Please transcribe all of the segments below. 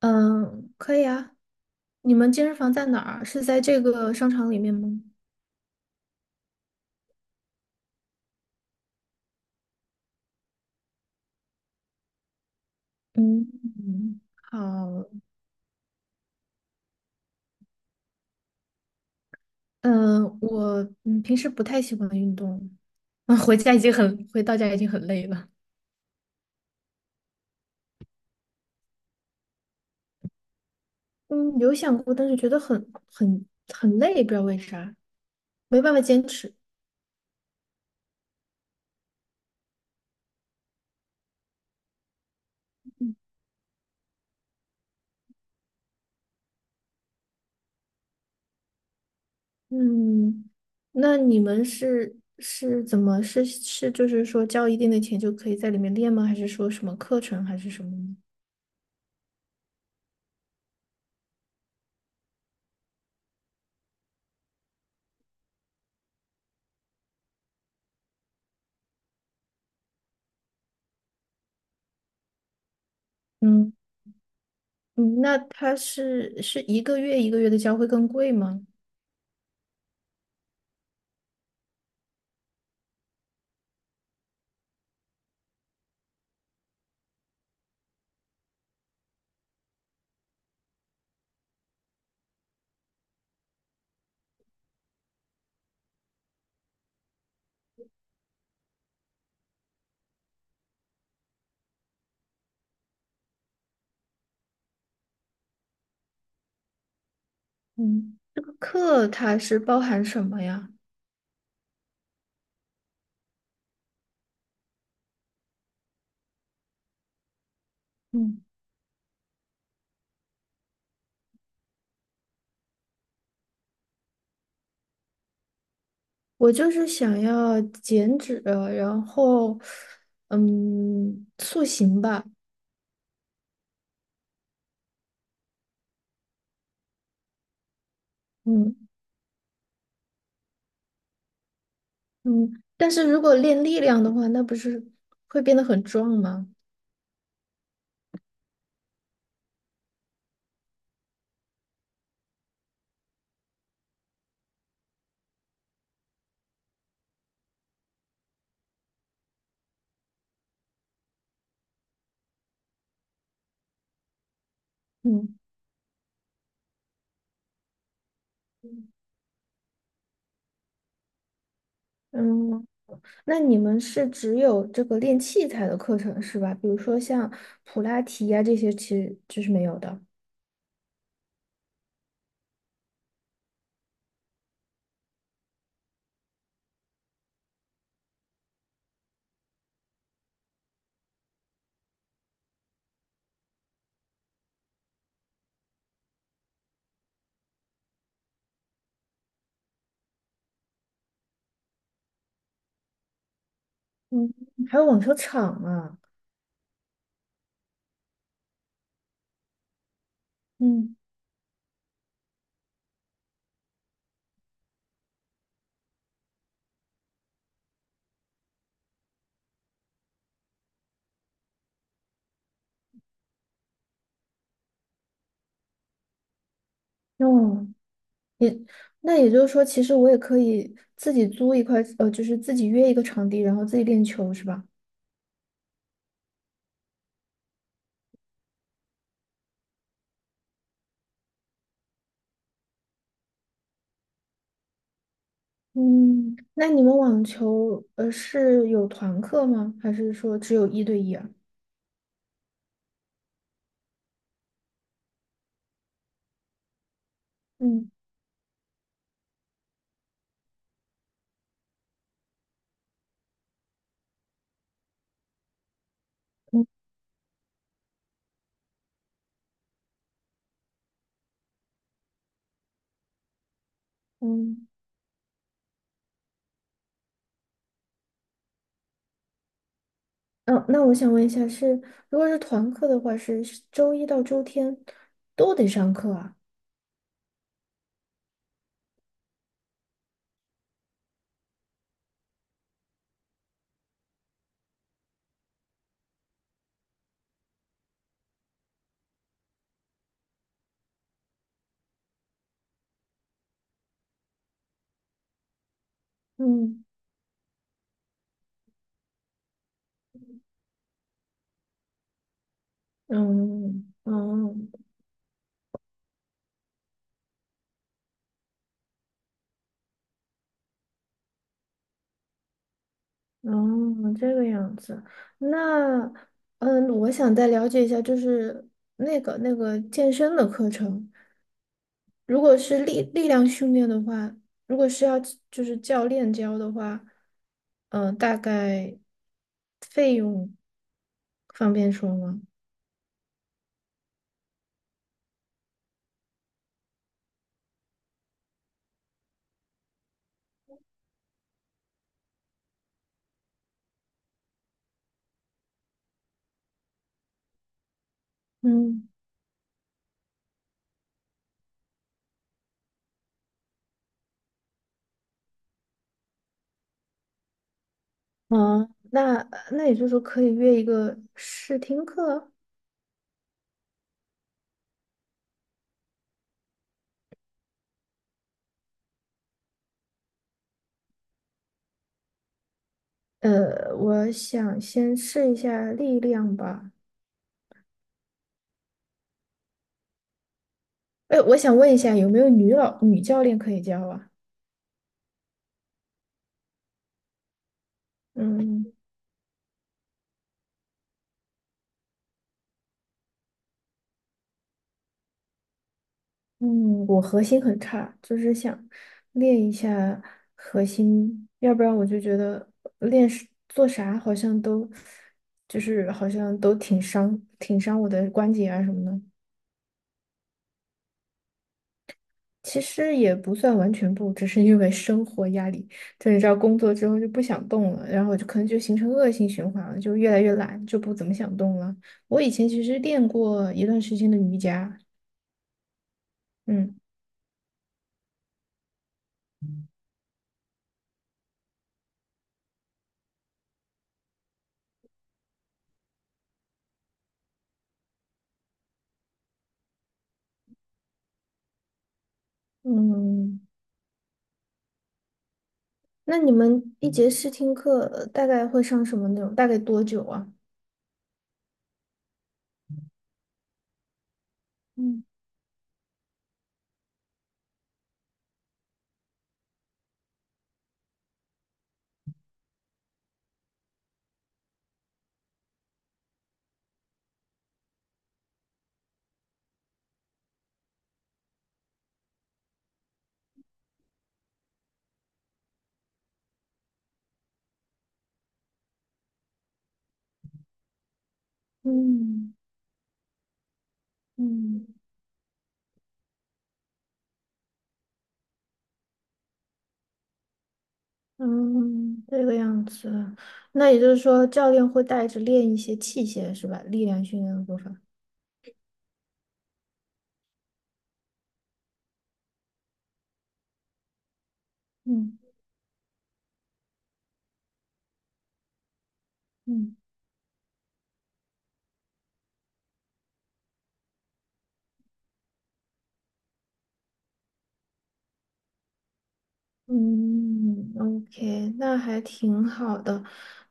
嗯，可以啊。你们健身房在哪儿？是在这个商场里面吗？嗯，嗯好。嗯，我平时不太喜欢运动，啊，回到家已经很累了。嗯，有想过，但是觉得很累，不知道为啥，没办法坚持。嗯，那你们是怎么就是说交一定的钱就可以在里面练吗？还是说什么课程还是什么嗯。嗯，那它是一个月一个月的交会更贵吗？嗯，这个课它是包含什么呀？嗯，我就是想要减脂，然后塑形吧。嗯嗯，但是如果练力量的话，那不是会变得很壮吗？嗯嗯，那你们是只有这个练器材的课程是吧？比如说像普拉提呀、这些，其实就是没有的。嗯，还有网球场啊。嗯，哦，那也就是说，其实我也可以自己租一块，就是自己约一个场地，然后自己练球，是吧？嗯，那你们网球，是有团课吗？还是说只有一对一啊？嗯嗯嗯，嗯，那我想问一下是，如果是团课的话，是周一到周天都得上课啊？嗯嗯嗯，哦，这个样子。那，我想再了解一下，就是那个健身的课程，如果是力量训练的话，如果是要就是教练教的话，大概费用方便说吗？嗯，哦，那也就是说可以约一个试听课。我想先试一下力量吧。哎，我想问一下，有没有女老女教练可以教啊？嗯嗯，我核心很差，就是想练一下核心，要不然我就觉得练是做啥好像都就是好像都挺伤我的关节啊什么的。其实也不算完全不，只是因为生活压力，就你知道工作之后就不想动了，然后就可能就形成恶性循环了，就越来越懒，就不怎么想动了。我以前其实练过一段时间的瑜伽。嗯。嗯，那你们一节试听课大概会上什么内容？大概多久啊？嗯嗯嗯嗯，这个样子。那也就是说，教练会带着练一些器械是吧？力量训练的部分。嗯嗯嗯，OK，那还挺好的。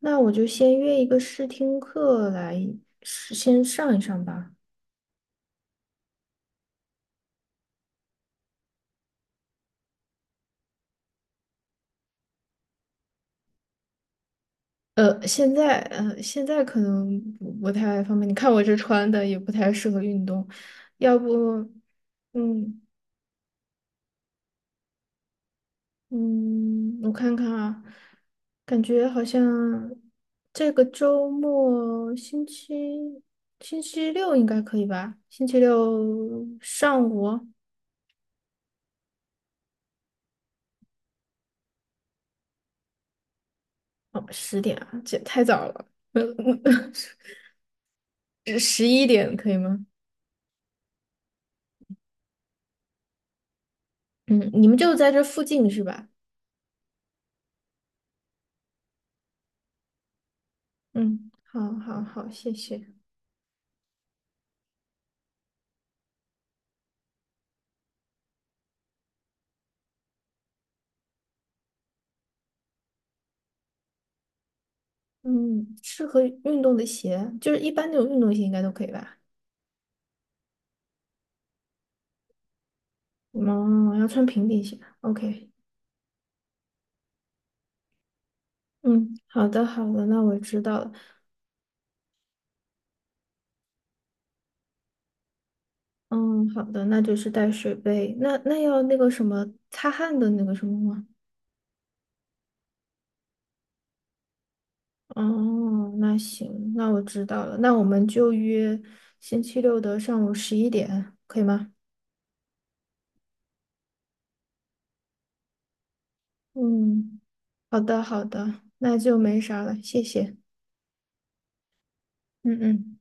那我就先约一个试听课来先上一上吧。现在现在可能不太方便。你看我这穿的也不太适合运动，要不，嗯嗯，我看看啊，感觉好像这个周末星期六应该可以吧？星期六上午哦，10点啊，这也太早了，呃十一点可以吗？嗯，你们就在这附近是吧？嗯，好，好，好，谢谢。嗯，适合运动的鞋，就是一般那种运动鞋应该都可以吧？嗯，要穿平底鞋。OK，嗯，好的好的，那我知道了。嗯，好的，那就是带水杯。那要那个什么擦汗的那个什么吗？哦，那行，那我知道了。那我们就约星期六的上午十一点，可以吗？嗯，好的好的，那就没啥了，谢谢。嗯嗯。